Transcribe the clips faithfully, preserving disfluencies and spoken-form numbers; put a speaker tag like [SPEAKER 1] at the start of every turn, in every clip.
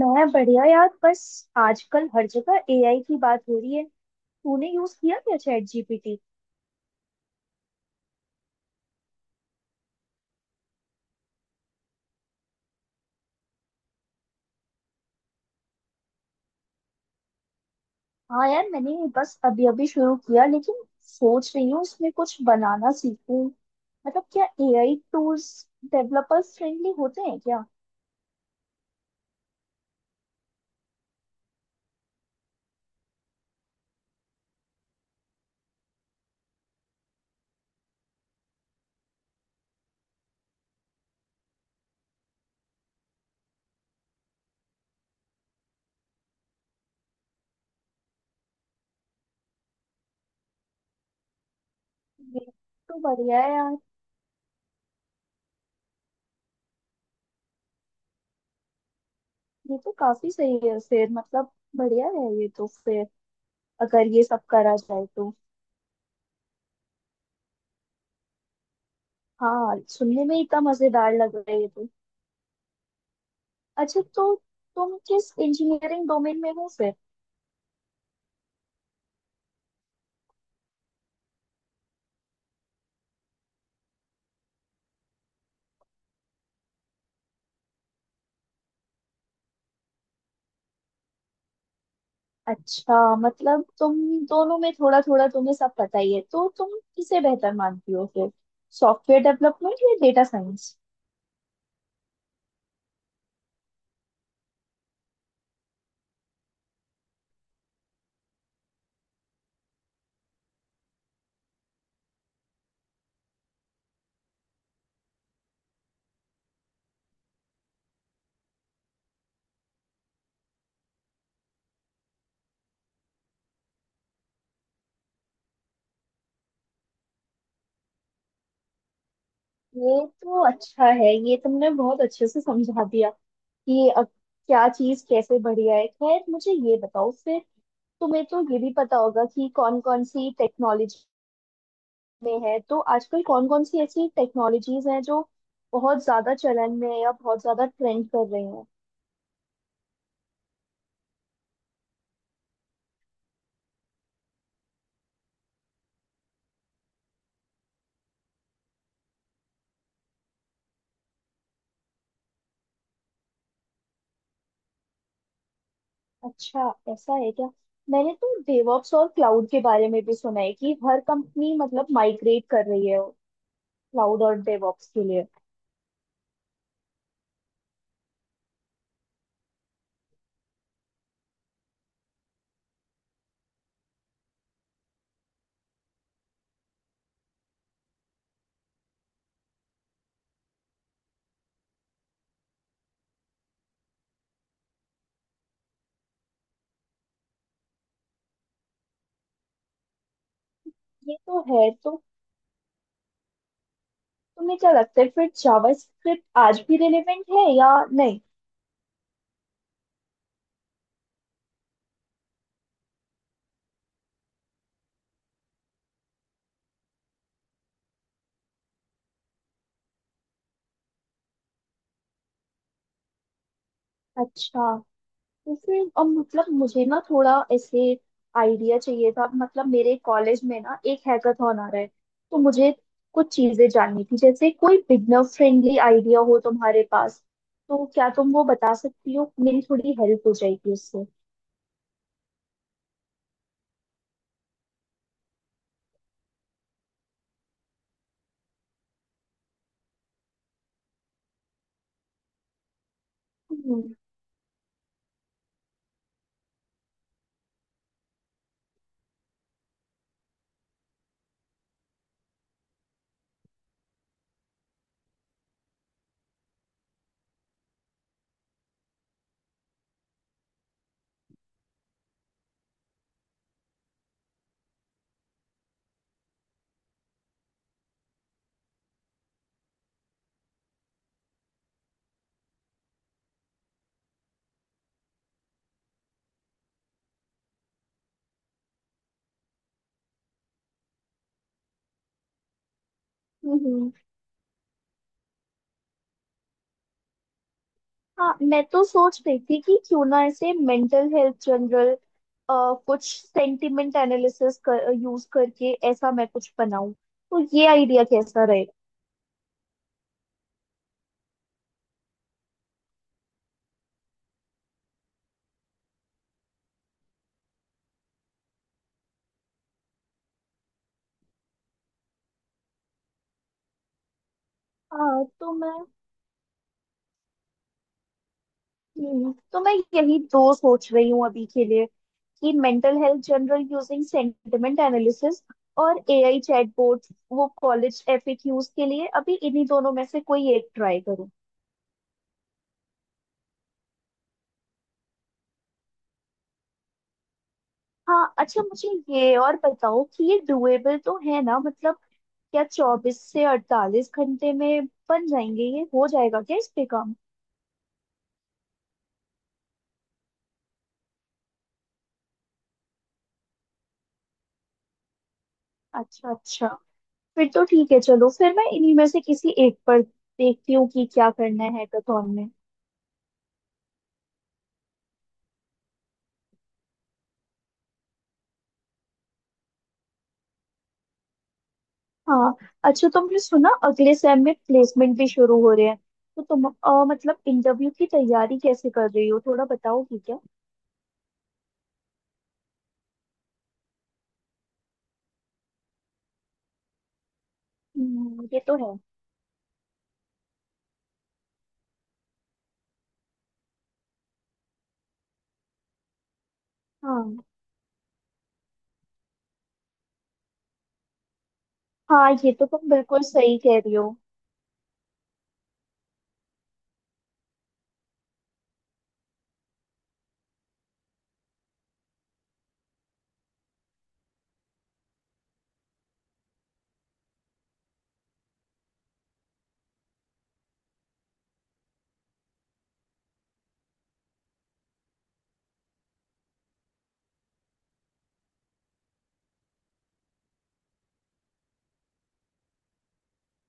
[SPEAKER 1] मैं बढ़िया यार। बस आजकल हर जगह एआई की बात हो रही है। तूने यूज किया क्या चैट जीपीटी? हाँ यार, मैंने बस अभी अभी शुरू किया, लेकिन सोच रही हूँ इसमें कुछ बनाना सीखूं। मतलब क्या एआई टूल्स डेवलपर्स फ्रेंडली होते हैं क्या? ये तो बढ़िया है यार। ये तो काफी सही है फिर, मतलब बढ़िया है ये तो। फिर अगर ये सब करा जाए तो। हाँ, सुनने में इतना मजेदार लग रहा है ये तो। अच्छा, तो तुम किस इंजीनियरिंग डोमेन में हो फिर? अच्छा, मतलब तुम दोनों में थोड़ा थोड़ा तुम्हें सब पता ही है, तो तुम किसे बेहतर मानती हो फिर, सॉफ्टवेयर डेवलपमेंट या डेटा साइंस? ये तो अच्छा है, ये तुमने बहुत अच्छे से समझा दिया कि अब क्या चीज कैसे बढ़िया है। खैर मुझे ये बताओ फिर, तुम्हें तो ये भी पता होगा कि कौन कौन सी टेक्नोलॉजी में है, तो आजकल कौन कौन सी ऐसी टेक्नोलॉजीज हैं जो बहुत ज्यादा चलन में है या बहुत ज्यादा ट्रेंड कर रही हैं? अच्छा, ऐसा है क्या? मैंने तो डेवऑप्स और क्लाउड के बारे में भी सुना है कि हर कंपनी मतलब माइग्रेट कर रही है क्लाउड और डेवऑप्स के लिए। ये तो है। तो तुम्हें क्या लगता है फिर, जावास्क्रिप्ट आज भी रिलेवेंट है या नहीं? अच्छा, जैसे अब मतलब मुझे ना थोड़ा ऐसे आइडिया चाहिए था। मतलब मेरे कॉलेज में ना एक हैकाथॉन आ रहा है, तो मुझे कुछ चीजें जाननी थी, जैसे कोई बिगनर फ्रेंडली आइडिया हो तुम्हारे पास तो क्या तुम वो बता सकती हो? मेरी थोड़ी हेल्प हो जाएगी उससे। हम्म। हम्म। हाँ मैं तो सोच रही थी कि क्यों ना ऐसे मेंटल हेल्थ जनरल कुछ सेंटिमेंट एनालिसिस कर यूज करके ऐसा मैं कुछ बनाऊं, तो ये आइडिया कैसा रहेगा? हाँ तो मैं, हम्म, तो मैं यही दो सोच रही हूँ अभी के लिए, कि mental health journal using sentiment analysis और एआई चैटबॉट वो कॉलेज एफएक्यूज के लिए। अभी इन्हीं दोनों में से कोई एक ट्राई करूँ? हाँ। अच्छा मुझे ये और बताओ कि ये डुएबल तो है ना? मतलब क्या चौबीस से अड़तालीस घंटे में बन जाएंगे, ये हो जाएगा क्या इस पे काम? अच्छा अच्छा, फिर तो ठीक है। चलो फिर मैं इन्हीं में से किसी एक पर देखती हूँ कि क्या करना है हैकाथॉन में। हाँ। अच्छा, तुमने सुना अगले सेम में प्लेसमेंट भी शुरू हो रहे हैं? तो तुम अ, मतलब इंटरव्यू की तैयारी कैसे कर रही हो थोड़ा बताओगी क्या? हम्म, ये तो है। हाँ। हाँ, ये तो तुम बिल्कुल सही कह रही हो।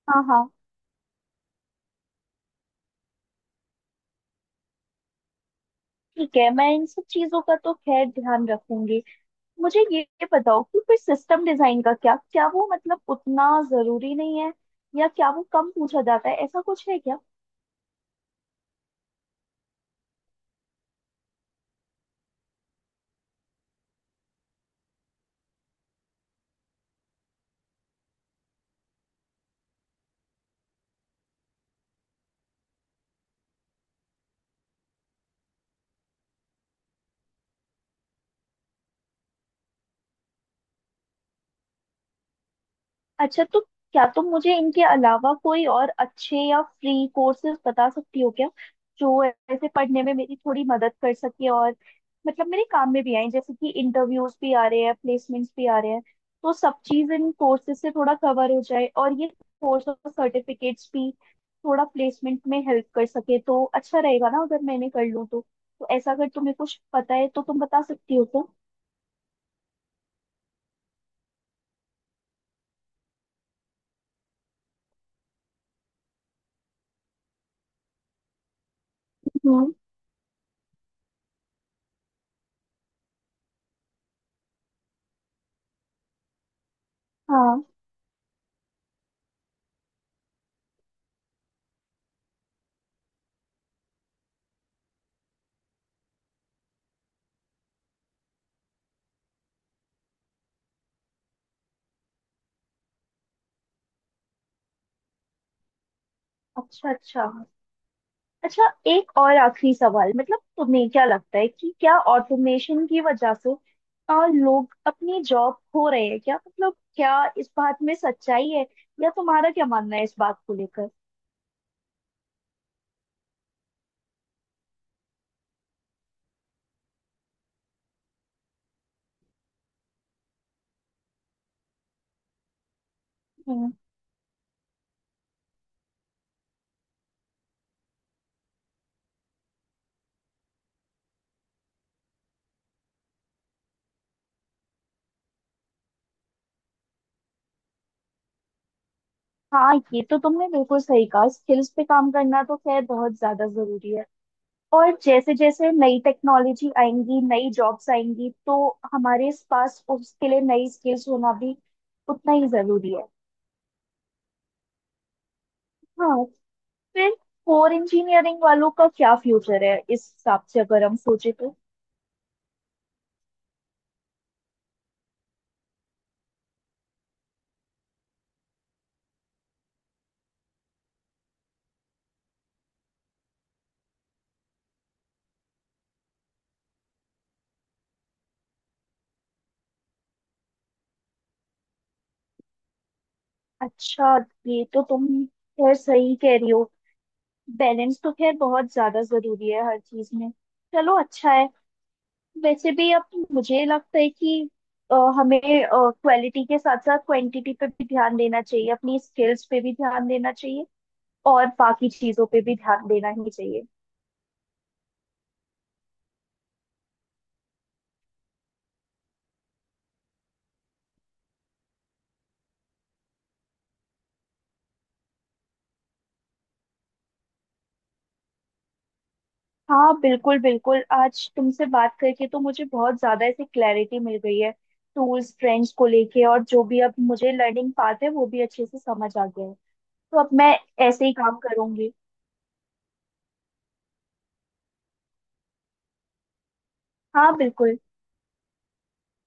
[SPEAKER 1] हाँ हाँ। ठीक है, मैं इन सब चीजों का तो खैर ध्यान रखूंगी। मुझे ये ये बताओ कि फिर सिस्टम डिजाइन का क्या, क्या वो मतलब उतना जरूरी नहीं है, या क्या वो कम पूछा जाता है, ऐसा कुछ है क्या? अच्छा, तो क्या तुम मुझे इनके अलावा कोई और अच्छे या फ्री कोर्सेज बता सकती हो क्या, जो ऐसे पढ़ने में मेरी थोड़ी मदद कर सके, और मतलब मेरे काम में भी आए। जैसे कि इंटरव्यूज भी आ रहे हैं, प्लेसमेंट्स भी आ रहे हैं, तो सब चीज इन कोर्सेज से थोड़ा कवर हो जाए, और ये कोर्स और सर्टिफिकेट्स भी थोड़ा प्लेसमेंट में हेल्प कर सके, तो अच्छा रहेगा ना अगर मैंने कर लूँ तो। तो ऐसा अगर तुम्हें कुछ पता है तो तुम बता सकती हो तो। हम्म। हाँ। अच्छा अच्छा। अच्छा, एक और आखिरी सवाल, मतलब तुम्हें क्या लगता है कि क्या ऑटोमेशन की वजह से आ, लोग अपनी जॉब खो रहे हैं क्या? मतलब क्या इस बात में सच्चाई है, या तुम्हारा क्या मानना है इस बात को लेकर? हम्म, हाँ, ये तो तुमने बिल्कुल सही कहा। स्किल्स पे काम करना तो खैर बहुत ज्यादा जरूरी है। और जैसे जैसे नई टेक्नोलॉजी आएंगी, नई जॉब्स आएंगी, तो हमारे पास उसके लिए नई स्किल्स होना भी उतना ही जरूरी है। हाँ। फिर कोर इंजीनियरिंग वालों का क्या फ्यूचर है इस हिसाब से, अगर हम सोचे तो? अच्छा, ये तो तुम खैर सही कह रही हो। बैलेंस तो खैर बहुत ज्यादा जरूरी है हर चीज में। चलो अच्छा है। वैसे भी अब मुझे लगता है कि अ, हमें क्वालिटी के साथ साथ क्वांटिटी पे भी ध्यान देना चाहिए, अपनी स्किल्स पे भी ध्यान देना चाहिए, और बाकी चीजों पे भी ध्यान देना ही चाहिए। हाँ बिल्कुल बिल्कुल, आज तुमसे बात करके तो मुझे बहुत ज़्यादा ऐसी क्लैरिटी मिल गई है टूल्स ट्रेंड्स को लेके, और जो भी अब मुझे लर्निंग पाथ है वो भी अच्छे से समझ आ गया है। तो अब मैं ऐसे ही काम करूंगी। हाँ बिल्कुल।